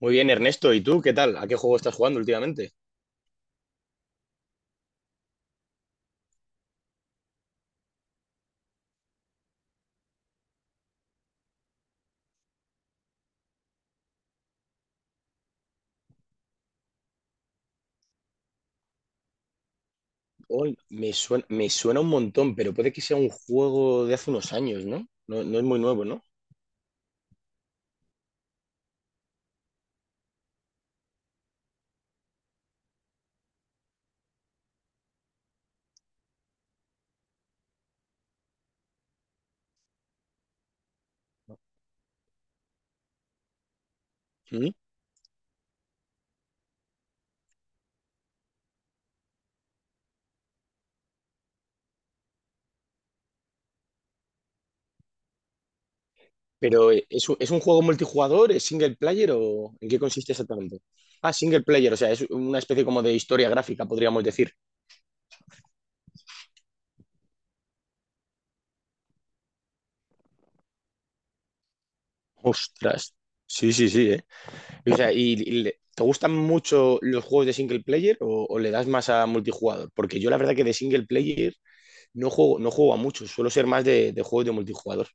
Muy bien, Ernesto. ¿Y tú qué tal? ¿A qué juego estás jugando últimamente? Oh, me suena un montón, pero puede que sea un juego de hace unos años, ¿no? No, no es muy nuevo, ¿no? ¿Mm? Pero ¿es, es un juego multijugador? ¿Es single player o en qué consiste exactamente? Ah, single player, o sea, es una especie como de historia gráfica, podríamos decir. Ostras. Sí, sí, sí, ¿eh? O sea, ¿y te gustan mucho los juegos de single player o le das más a multijugador? Porque yo la verdad que de single player no juego, no juego a muchos, suelo ser más de juegos de multijugador.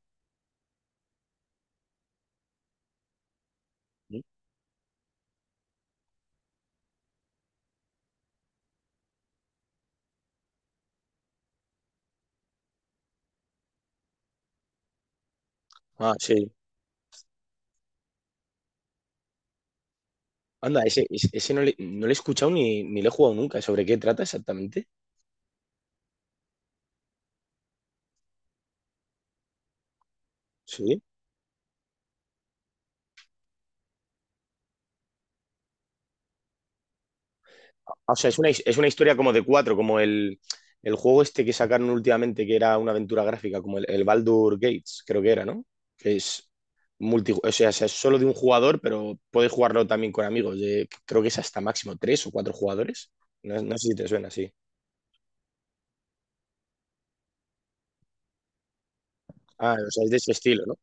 Ah, sí. Anda, ese no le he escuchado ni, ni le he jugado nunca. ¿Sobre qué trata exactamente? Sí. Ah, o sea, es una, es una historia como de cuatro, como el juego este que sacaron últimamente, que era una aventura gráfica, como el Baldur Gates, creo que era, ¿no? Que es o sea, es solo de un jugador, pero puedes jugarlo también con amigos. Creo que es hasta máximo tres o cuatro jugadores. No, no sé si te suena, sí. Ah, o sea, es de ese estilo, ¿no?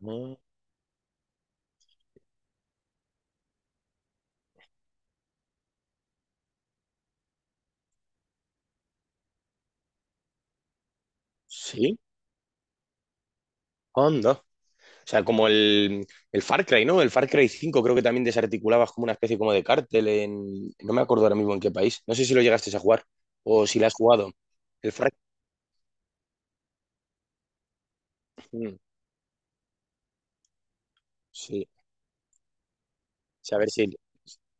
Ujú. Sí. Anda. O sea, como el Far Cry, ¿no? El Far Cry cinco, creo que también desarticulabas como una especie como de cártel en... No me acuerdo ahora mismo en qué país. No sé si lo llegaste a jugar o si lo has jugado. El Far... Mm, sí. O sea, a ver si,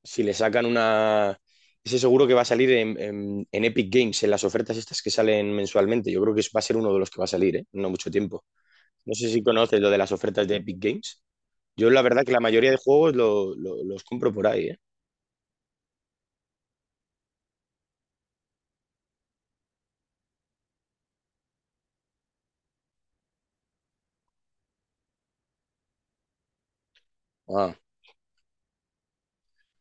si le sacan una... Ese seguro que va a salir en, en Epic Games, en las ofertas estas que salen mensualmente. Yo creo que va a ser uno de los que va a salir, ¿eh? No mucho tiempo. No sé si conoces lo de las ofertas de Epic Games. Yo la verdad que la mayoría de juegos los compro por ahí, ¿eh? Ah.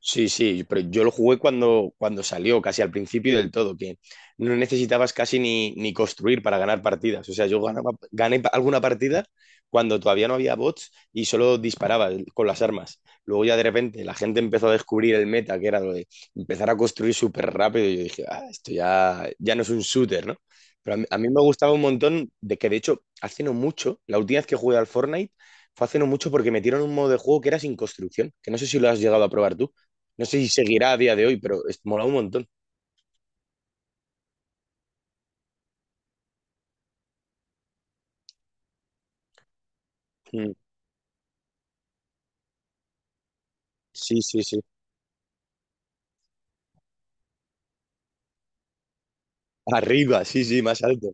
Sí, sí, pero yo lo jugué cuando, cuando salió, casi al principio del todo, que no necesitabas casi ni, ni construir para ganar partidas. O sea, yo alguna partida cuando todavía no había bots y solo disparaba con las armas. Luego ya de repente la gente empezó a descubrir el meta, que era lo de empezar a construir súper rápido y yo dije, ah, esto ya, ya no es un shooter, ¿no? Pero a mí me gustaba un montón de que, de hecho, hace no mucho, la última vez que jugué al Fortnite fue hace no mucho porque metieron un modo de juego que era sin construcción, que no sé si lo has llegado a probar tú. No sé si seguirá a día de hoy, pero es, mola un montón. Mm, sí, sí, sí. Arriba, sí, sí, más alto,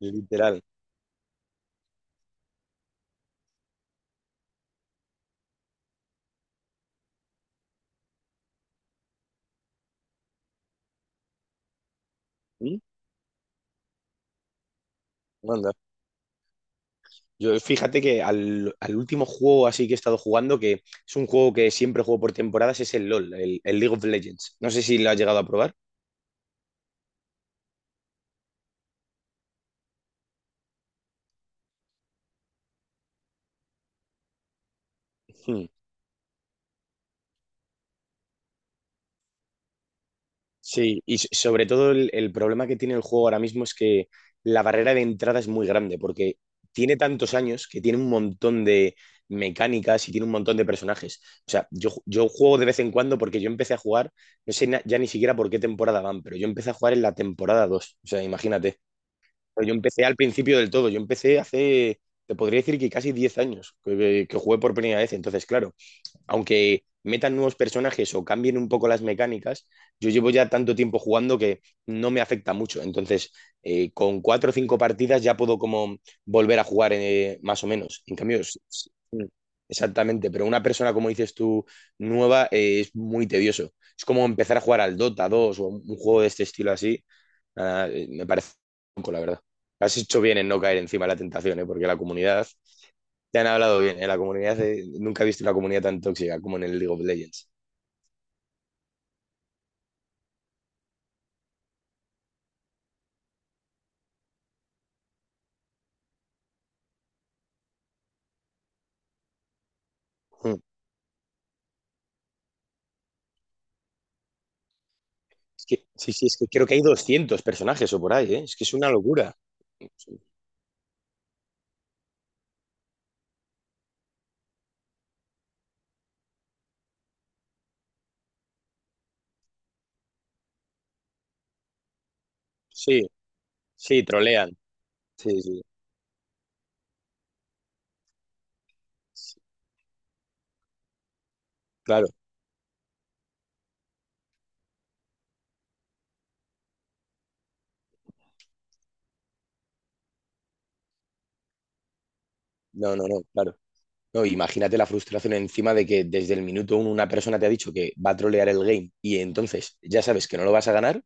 literal. Mm, anda. Yo fíjate que al último juego así que he estado jugando, que es un juego que siempre juego por temporadas, es el LOL, el League of Legends. No sé si lo has llegado a probar. Hmm. Sí, y sobre todo el problema que tiene el juego ahora mismo es que la barrera de entrada es muy grande, porque tiene tantos años que tiene un montón de mecánicas y tiene un montón de personajes. O sea, yo, yo juego de vez en cuando porque yo empecé a jugar, no sé ya ni siquiera por qué temporada van, pero yo empecé a jugar en la temporada 2. O sea, imagínate. Pero yo empecé al principio del todo, yo empecé hace, te podría decir que casi 10 años que jugué por primera vez. Entonces, claro, aunque metan nuevos personajes o cambien un poco las mecánicas, yo llevo ya tanto tiempo jugando que no me afecta mucho. Entonces, con cuatro o cinco partidas ya puedo como volver a jugar más o menos. En cambio, exactamente, pero una persona, como dices tú, nueva, es muy tedioso. Es como empezar a jugar al Dota 2 o un juego de este estilo así. Me parece poco, la verdad. Has hecho bien en no caer encima de la tentación, ¿eh? Porque la comunidad te han hablado bien, en la comunidad nunca he visto una comunidad tan tóxica como en el League of Legends. Mm. Es que, sí, sí, es que creo que hay 200 personajes o por ahí, ¿eh? Es que es una locura. Sí, sí, trolean. Sí, sí, sí. Claro, no, no, no, claro. No, imagínate la frustración encima de que desde el minuto uno una persona te ha dicho que va a trolear el game y entonces ya sabes que no lo vas a ganar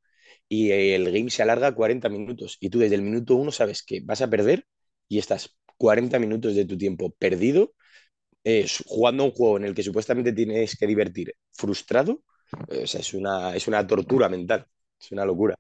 y el game se alarga 40 minutos y tú desde el minuto uno sabes que vas a perder y estás 40 minutos de tu tiempo perdido jugando a un juego en el que supuestamente tienes que divertir frustrado, o sea, es una tortura mental, es una locura.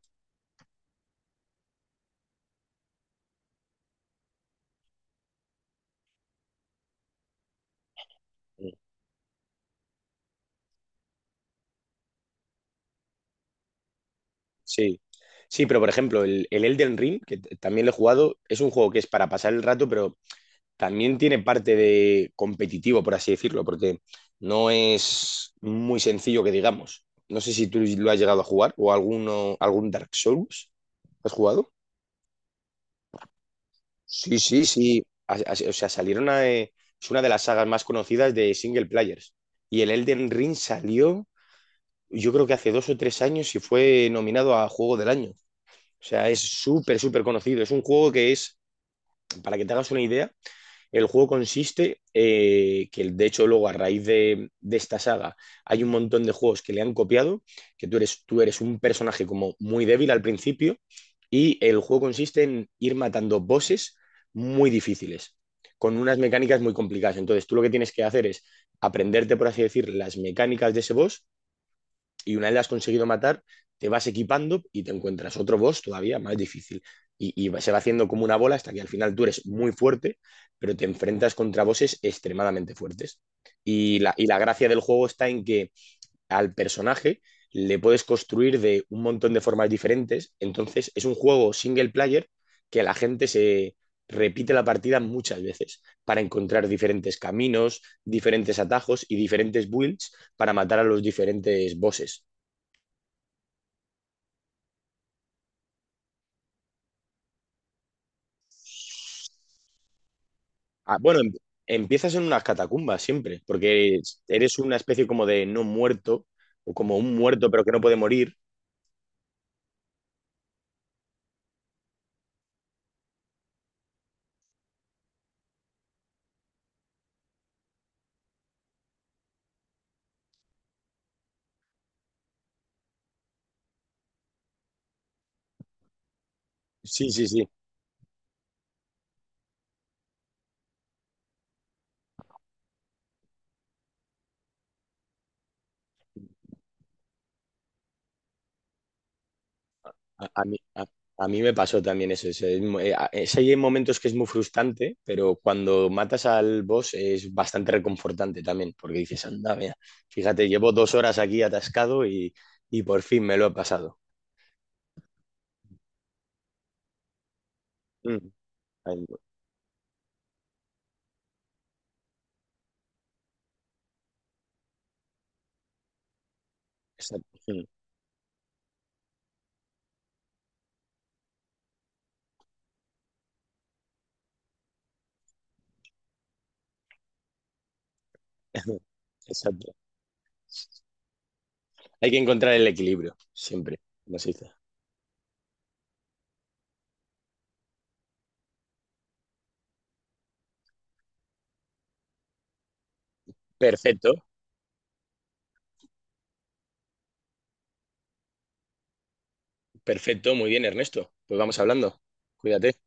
Sí. Sí, pero por ejemplo, el Elden Ring, que también lo he jugado, es un juego que es para pasar el rato, pero también tiene parte de competitivo, por así decirlo, porque no es muy sencillo que digamos. No sé si tú lo has llegado a jugar o alguno, algún Dark Souls. ¿Has jugado? Sí, sí, sí. O sea, salieron a, es una de las sagas más conocidas de single players. Y el Elden Ring salió, yo creo que hace dos o tres años y fue nominado a Juego del Año. O sea, es súper, súper conocido. Es un juego que es, para que te hagas una idea, el juego consiste, que de hecho luego a raíz de esta saga hay un montón de juegos que le han copiado, que tú eres un personaje como muy débil al principio y el juego consiste en ir matando bosses muy difíciles, con unas mecánicas muy complicadas. Entonces tú lo que tienes que hacer es aprenderte, por así decir, las mecánicas de ese boss y una vez la has conseguido matar, te vas equipando y te encuentras otro boss todavía más difícil. Se va haciendo como una bola hasta que al final tú eres muy fuerte, pero te enfrentas contra bosses extremadamente fuertes. Y la gracia del juego está en que al personaje le puedes construir de un montón de formas diferentes. Entonces es un juego single player que la gente se repite la partida muchas veces para encontrar diferentes caminos, diferentes atajos y diferentes builds para matar a los diferentes bosses. Ah, bueno, empiezas en unas catacumbas siempre, porque eres una especie como de no muerto, o como un muerto pero que no puede morir. Sí, sí, sí. A, a mí, a, a mí me pasó también eso. Es hay momentos que es muy frustrante, pero cuando matas al boss es bastante reconfortante también, porque dices, anda, mira, fíjate, llevo dos horas aquí atascado y por fin me lo he pasado. Mm. Ay, no, exacto. Mm. Exacto. Hay que encontrar el equilibrio, siempre, como se dice. Perfecto. Perfecto, muy bien, Ernesto. Pues vamos hablando. Cuídate.